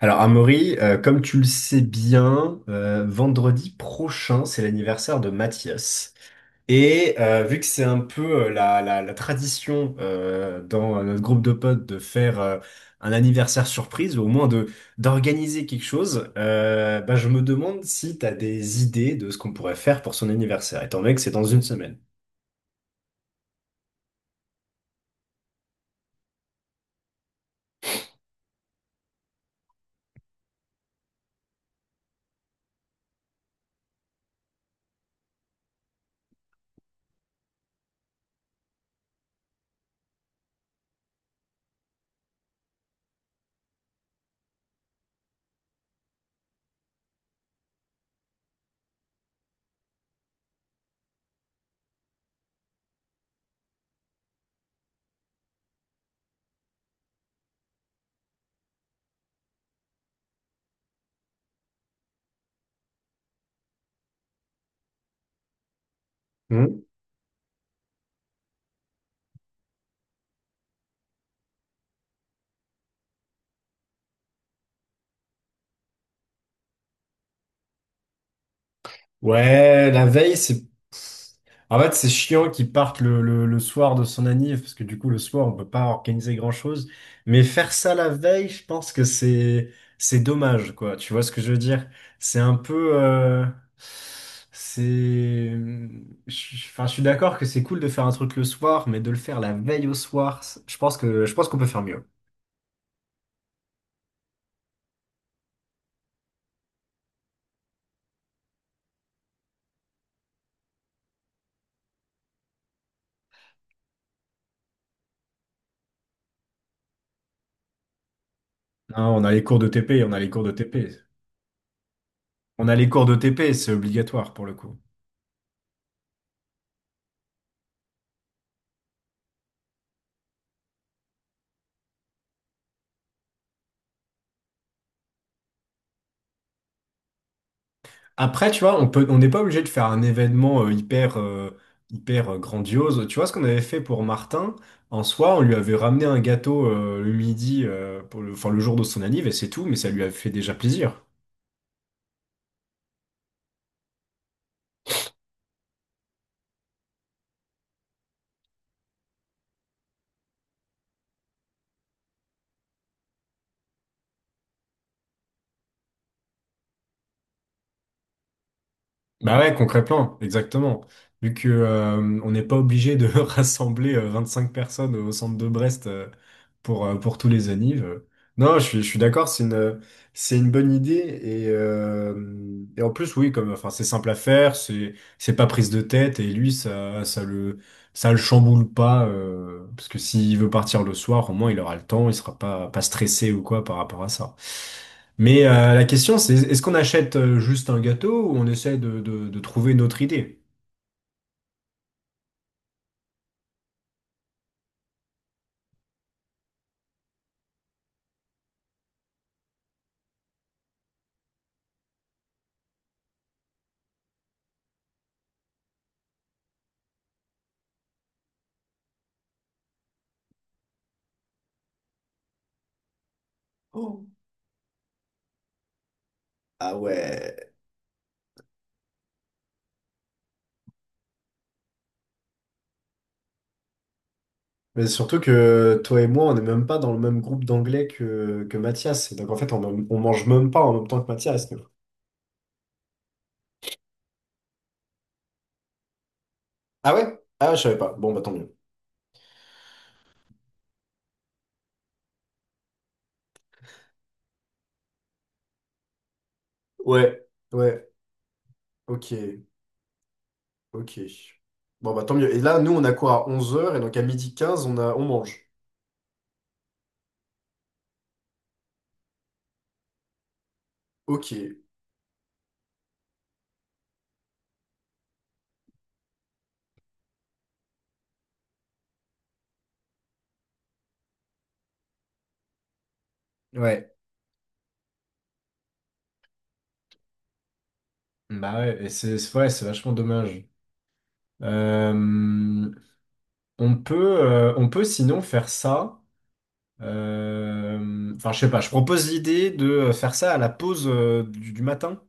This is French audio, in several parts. Alors, Amaury, comme tu le sais bien, vendredi prochain, c'est l'anniversaire de Mathias. Vu que c'est un peu la tradition dans notre groupe de potes de faire un anniversaire surprise, ou au moins de d'organiser quelque chose, bah, je me demande si tu as des idées de ce qu'on pourrait faire pour son anniversaire, étant donné que c'est dans une semaine. Ouais, la veille, c'est... En fait, c'est chiant qu'ils partent le soir de son anniv, parce que du coup, le soir, on peut pas organiser grand-chose. Mais faire ça la veille, je pense que c'est dommage, quoi. Tu vois ce que je veux dire? C'est un peu... C'est... Enfin, je suis d'accord que c'est cool de faire un truc le soir, mais de le faire la veille au soir, je pense qu'on peut faire mieux. Non, on a les cours de TP, on a les cours de TP. On a les cours de TP, c'est obligatoire pour le coup. Après, tu vois, on n'est pas obligé de faire un événement hyper, hyper grandiose. Tu vois ce qu'on avait fait pour Martin? En soi, on lui avait ramené un gâteau le midi, pour le, enfin, le jour de son anniv, et c'est tout, mais ça lui a fait déjà plaisir. Bah ouais, concrètement, exactement. Vu que on n'est pas obligé de rassembler cinq personnes au centre de Brest pour tous les annives. Non, je suis d'accord, c'est une bonne idée. Et en plus, oui, comme enfin, c'est simple à faire, c'est pas prise de tête, et lui, ça le chamboule pas. Parce que s'il veut partir le soir, au moins il aura le temps, il sera pas, pas stressé ou quoi par rapport à ça. Mais la question, c'est est-ce qu'on achète juste un gâteau ou on essaie de trouver une autre idée? Mais surtout que toi et moi, on n'est même pas dans le même groupe d'anglais que Mathias. Et donc en fait, on mange même pas en même temps que Mathias, nous. Ah ouais? Ah, je savais pas. Bon, bah tant mieux. Ouais, ouais, ok, ok. Bon, bah tant mieux. Et là, nous, on a quoi à 11 heures et donc à 12h15 on mange. Ok. Ouais. Ouais, c'est vachement dommage. Euh, on peut sinon faire ça. Enfin, je sais pas, je propose l'idée de faire ça à la pause du matin,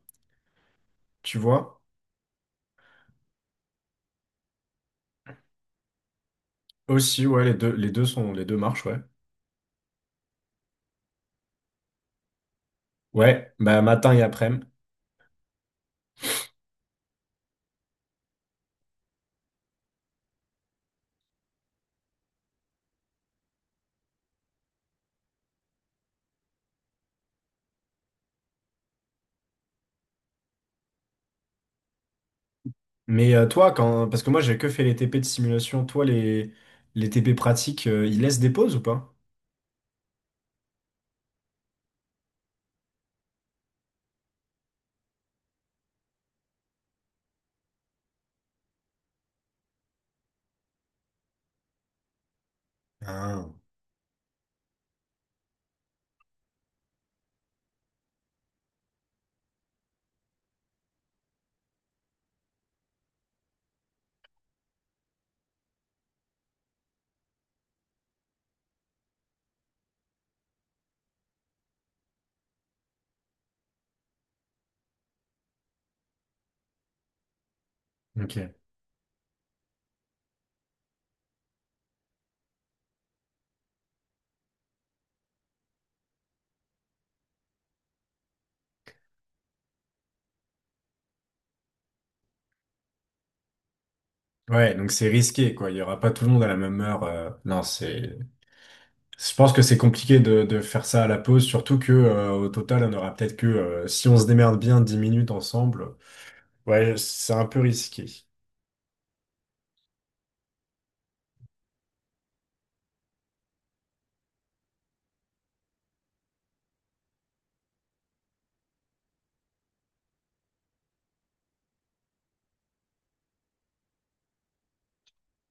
tu vois? Aussi, ouais, les deux marchent, ouais. Ouais, bah matin et après-midi. Mais toi, quand, parce que moi j'ai que fait les TP de simulation, les TP pratiques, ils laissent des pauses ou pas? Ah, ok. Ouais, donc c'est risqué, quoi. Il y aura pas tout le monde à la même heure. Non, c'est. Je pense que c'est compliqué de faire ça à la pause, surtout que au total, on aura peut-être que si on se démerde bien 10 minutes ensemble. Ouais, c'est un peu risqué.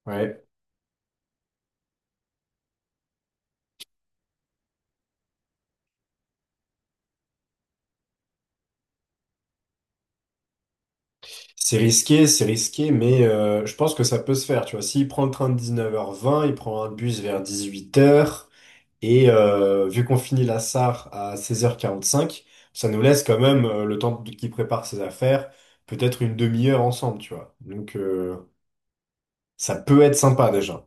Ouais, c'est risqué, mais je pense que ça peut se faire. Tu vois, s'il prend le train de 19h20, il prend un bus vers 18h. Et vu qu'on finit la SAR à 16h45, ça nous laisse quand même qu'il prépare ses affaires, peut-être une demi-heure ensemble, tu vois. Donc ça peut être sympa déjà.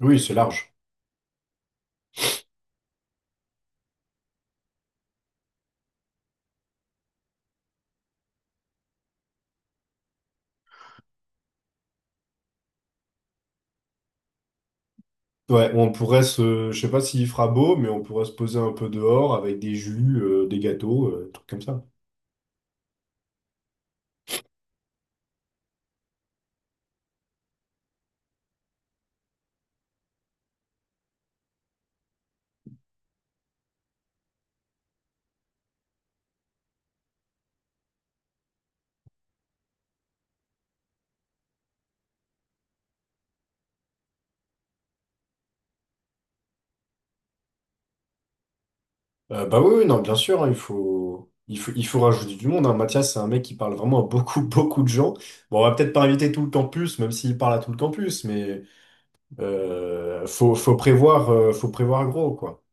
Oui, c'est large. Ouais, on pourrait se, je sais pas s'il fera beau, mais on pourrait se poser un peu dehors avec des jus, des gâteaux, trucs comme ça. Bah oui, oui, non, bien sûr, hein, il faut rajouter du monde. Hein. Mathias, c'est un mec qui parle vraiment à beaucoup, beaucoup de gens. Bon, on va peut-être pas inviter tout le campus, même s'il parle à tout le campus, mais faut prévoir gros, quoi.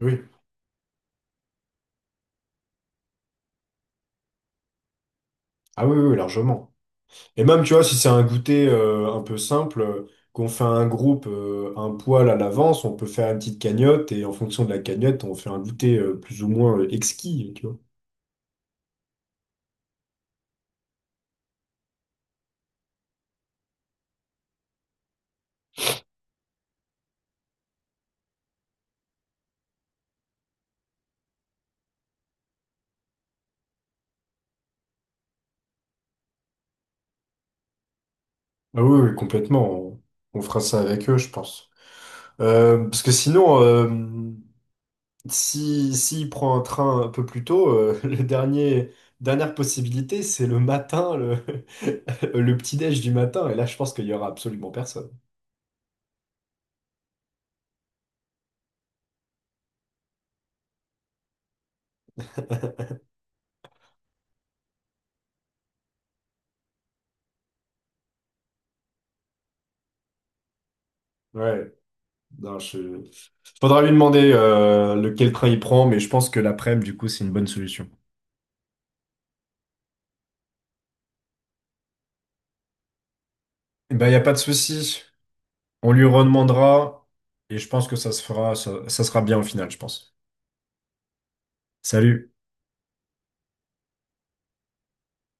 Oui. Ah oui, oui, oui, largement. Et même, tu vois, si c'est un goûter un peu simple, qu'on fait un groupe un poil à l'avance, on peut faire une petite cagnotte et en fonction de la cagnotte, on fait un goûter plus ou moins exquis, tu vois. Ah oui, oui, complètement. On fera ça avec eux, je pense. Parce que sinon, si, s'il prend un train un peu plus tôt, dernière possibilité, c'est le matin, le petit-déj du matin. Et là, je pense qu'il y aura absolument personne. Ouais, non, je... Faudra lui demander lequel train il prend, mais je pense que l'après-midi, du coup, c'est une bonne solution. Eh ben, il n'y a pas de souci. On lui redemandera et je pense que ça se fera, ça sera bien au final, je pense. Salut.